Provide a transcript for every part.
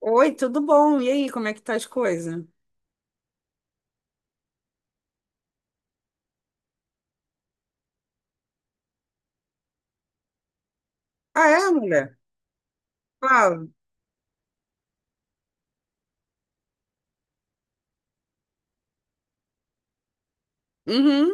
Oi, tudo bom? E aí, como é que tá as coisas? Ah, é, mulher? Fala. Uhum.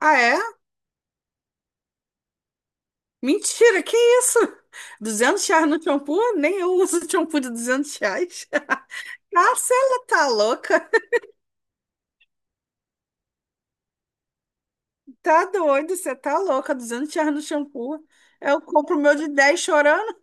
Ah, é? Mentira, que isso? R$ 200 no shampoo? Nem eu uso shampoo de R$ 200. Ah, você tá louca? Tá doido, você tá louca. R$ 200 no shampoo. Eu compro o meu de 10 chorando.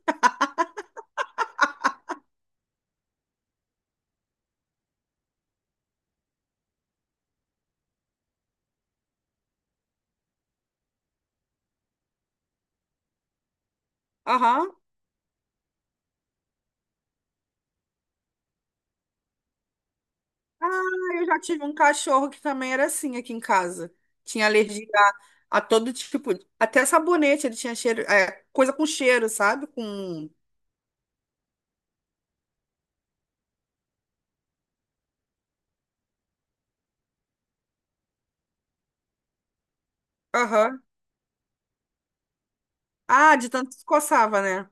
Aham. Ah, eu já tive um cachorro que também era assim aqui em casa. Tinha alergia a todo tipo, até sabonete, ele tinha cheiro, é, coisa com cheiro, sabe? Com. Aham. Ah, de tanto que coçava, né?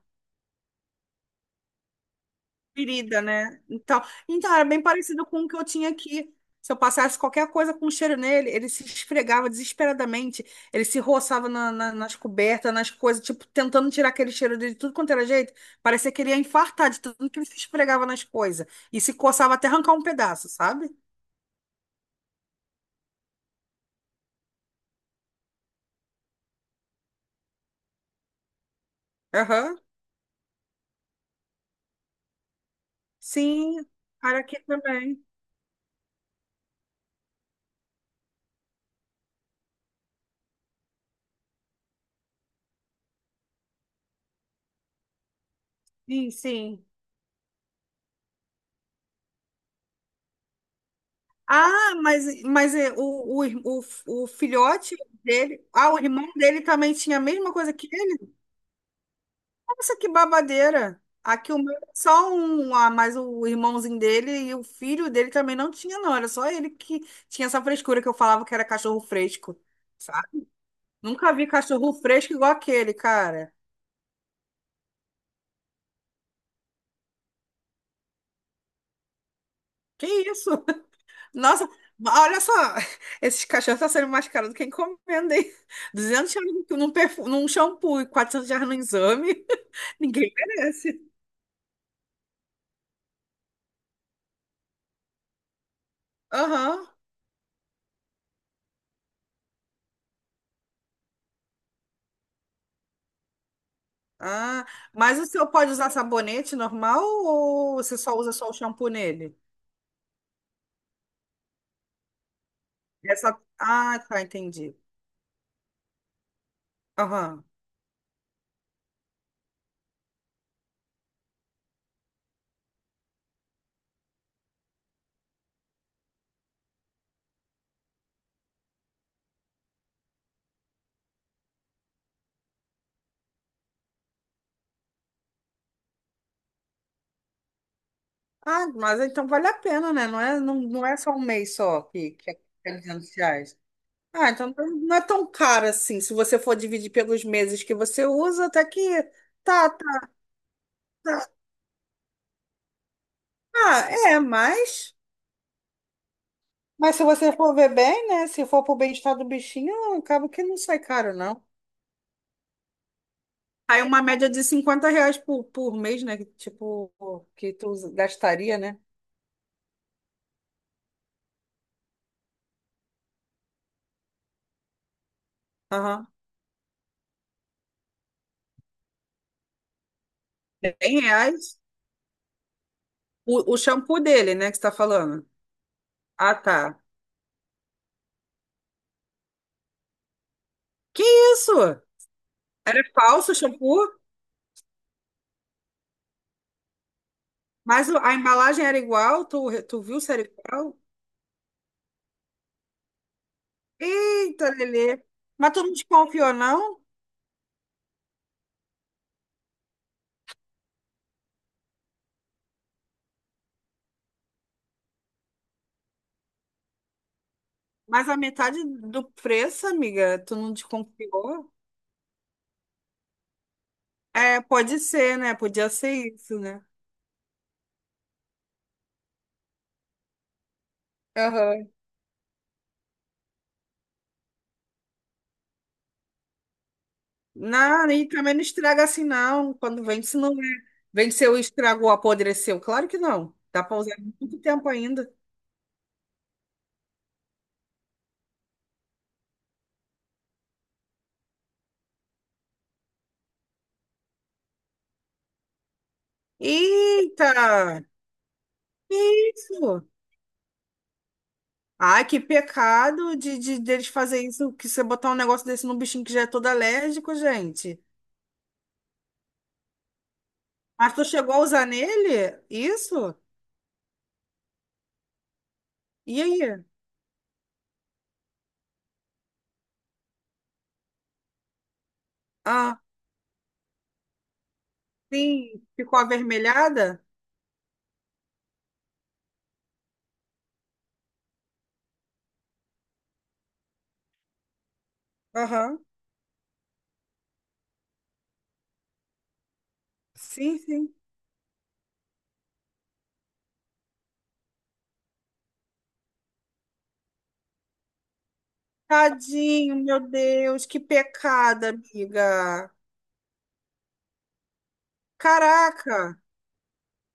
Ferida, né? Então, era bem parecido com o que eu tinha aqui. Se eu passasse qualquer coisa com cheiro nele, ele se esfregava desesperadamente, ele se roçava nas cobertas, nas coisas, tipo, tentando tirar aquele cheiro dele, tudo quanto era jeito. Parecia que ele ia infartar de tanto que ele se esfregava nas coisas. E se coçava até arrancar um pedaço, sabe? Aham. Sim, cara aqui também. Sim, sim. Ah, mas, mas o filhote dele, ah, o irmão dele também tinha a mesma coisa que ele? Nossa, que babadeira! Aqui o meu era só um, ah, mas o irmãozinho dele e o filho dele também não tinha, não. Era só ele que tinha essa frescura que eu falava que era cachorro fresco, sabe? Nunca vi cachorro fresco igual aquele, cara. Que isso? Nossa, olha só, esses cachorros estão sendo mais caros do que encomenda, hein? R$ 200 num shampoo e R$ 400 no exame. Ninguém merece. Aham. Ah, mas o senhor pode usar sabonete normal ou você só usa só o shampoo nele? Ah, tá, entendi. Aham. Ah, mas então vale a pena, né? Não é, não é só um mês só que é R$ 300. Ah, então não é tão caro assim. Se você for dividir pelos meses que você usa, até que tá, tá, tá. Ah, é, mas... Mas se você for ver bem, né? Se for pro bem-estar do bichinho, acaba que não sai caro, não. Aí uma média de R$ 50 por mês, né? Que, tipo, que tu gastaria, né? Aham. R$ 100. O shampoo dele, né, que você tá falando. Ah, tá. Que isso? Era falso o shampoo? Mas a embalagem era igual? Tu viu se era igual? Eita, Lelê. Mas tu não desconfiou, não? Mas a metade do preço, amiga, tu não desconfiou? É, pode ser, né? Podia ser isso, né? Aham. Não, e também não estraga assim, não. Quando vende, se não é. Vende se eu estragou, apodreceu. Claro que não. Dá para usar muito tempo ainda. Eita! Que isso! Ai, que pecado de deles fazer isso, que você botar um negócio desse num bichinho que já é todo alérgico, gente. Mas tu chegou a usar nele? Isso? E aí? Ah, sim. Ficou avermelhada? Aham. Sim, sim. Tadinho, meu Deus, que pecado, amiga. Caraca!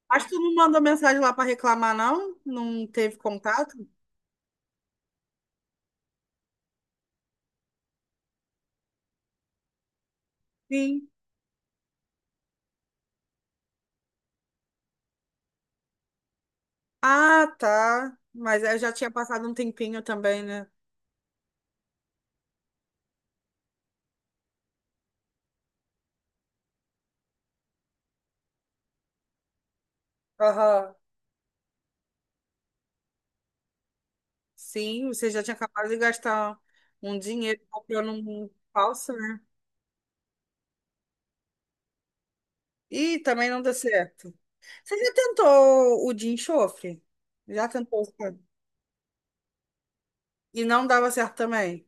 Mas tu não mandou mensagem lá para reclamar, não? Não teve contato? Sim. Ah, tá. Mas eu já tinha passado um tempinho também, né? Aham. Sim, você já tinha acabado de gastar um dinheiro comprando um falso, né? E também não deu certo. Você já tentou o de enxofre? Já tentou, sabe? E não dava certo também.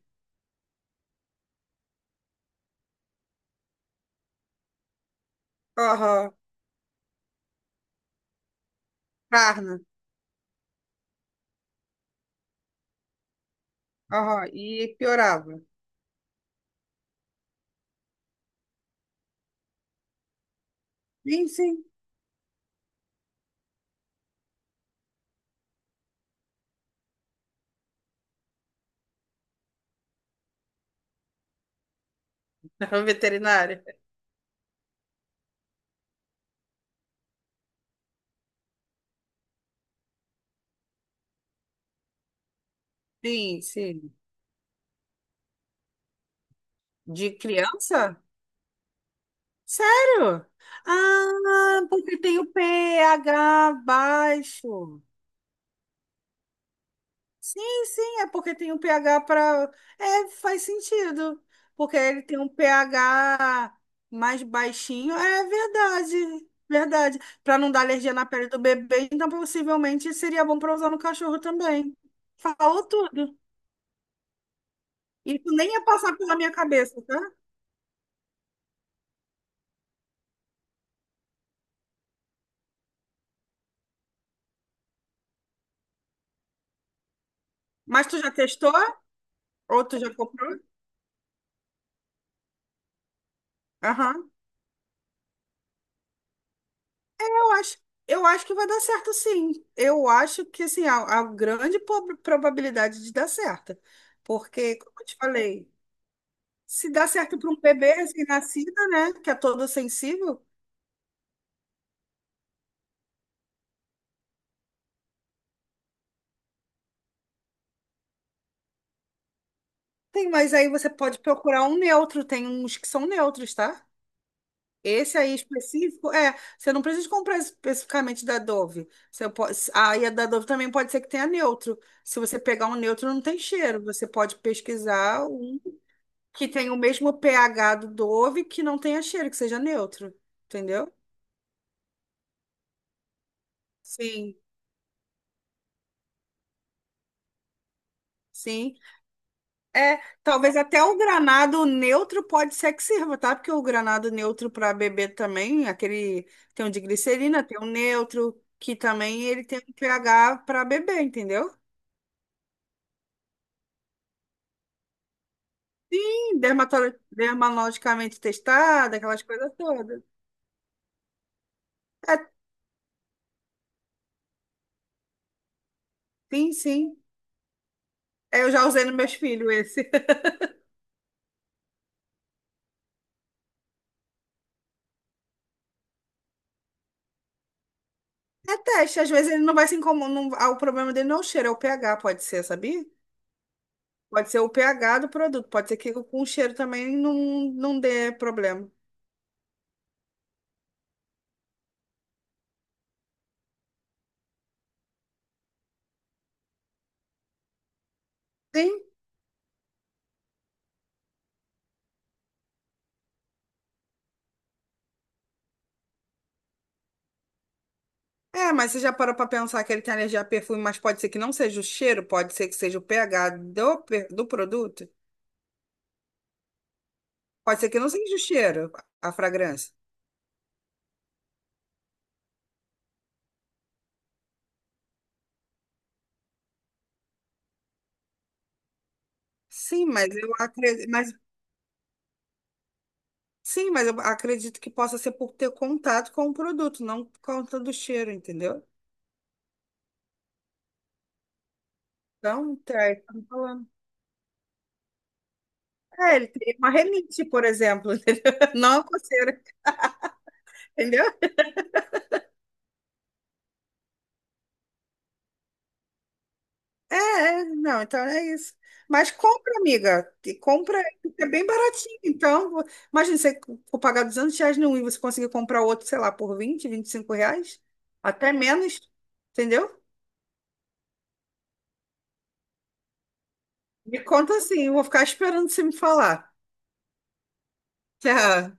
Aham. Carne. Aham. E piorava. Sim, sim. Veterinária. Sim, sim. De criança? Sério? Ah, porque tem o pH baixo. Sim, sim, é porque tem o pH para. É, faz sentido. Porque ele tem um pH mais baixinho. É verdade, verdade. Para não dar alergia na pele do bebê, então possivelmente seria bom para usar no cachorro também. Falou tudo. Isso nem ia passar pela minha cabeça, tá? Mas tu já testou? Ou tu já comprou? Aham. Eu acho, eu acho que vai dar certo, sim. Eu acho que assim, há grande probabilidade de dar certo. Porque, como eu te falei, se dá certo para um bebê recém-nascido, né? Que é todo sensível, tem, mas aí você pode procurar um neutro, tem uns que são neutros, tá? Esse aí específico, é, você não precisa comprar especificamente da Dove. Você pode, aí a da Dove também pode ser que tenha neutro. Se você pegar um neutro, não tem cheiro. Você pode pesquisar um que tenha o mesmo pH do Dove, que não tenha cheiro, que seja neutro, entendeu? Sim, sim. É, talvez até o granado neutro pode ser que sirva, tá? Porque o granado neutro para bebê também, aquele tem um de glicerina, tem um neutro, que também ele tem um pH para bebê, entendeu? Sim, dermatologicamente testado, aquelas coisas todas. É, sim, sim. É, eu já usei nos meus filhos esse. É teste, às vezes ele não vai se incomodar. O problema dele não é o cheiro, é o pH, pode ser, sabia? Pode ser o pH do produto, pode ser que com o cheiro também não dê problema. Sim? É, mas você já parou pra pensar que ele tem alergia a perfume, mas pode ser que não seja o cheiro, pode ser que seja o pH do produto, pode ser que não seja o cheiro, a fragrância. Sim, mas eu acredito, mas sim, mas eu acredito que possa ser por ter contato com o produto, não por conta do cheiro, entendeu? Então, tá, estamos falando. É, ele teria uma renite, por exemplo, entendeu? Não uma coceira, entendeu? É, não, então é isso. Mas compra, amiga, e compra, é bem baratinho. Então, imagina você for pagar R$ 200 num e você conseguir comprar outro, sei lá, por vinte R$ 25, até menos, entendeu? Me conta assim, eu vou ficar esperando você me falar. Tchau.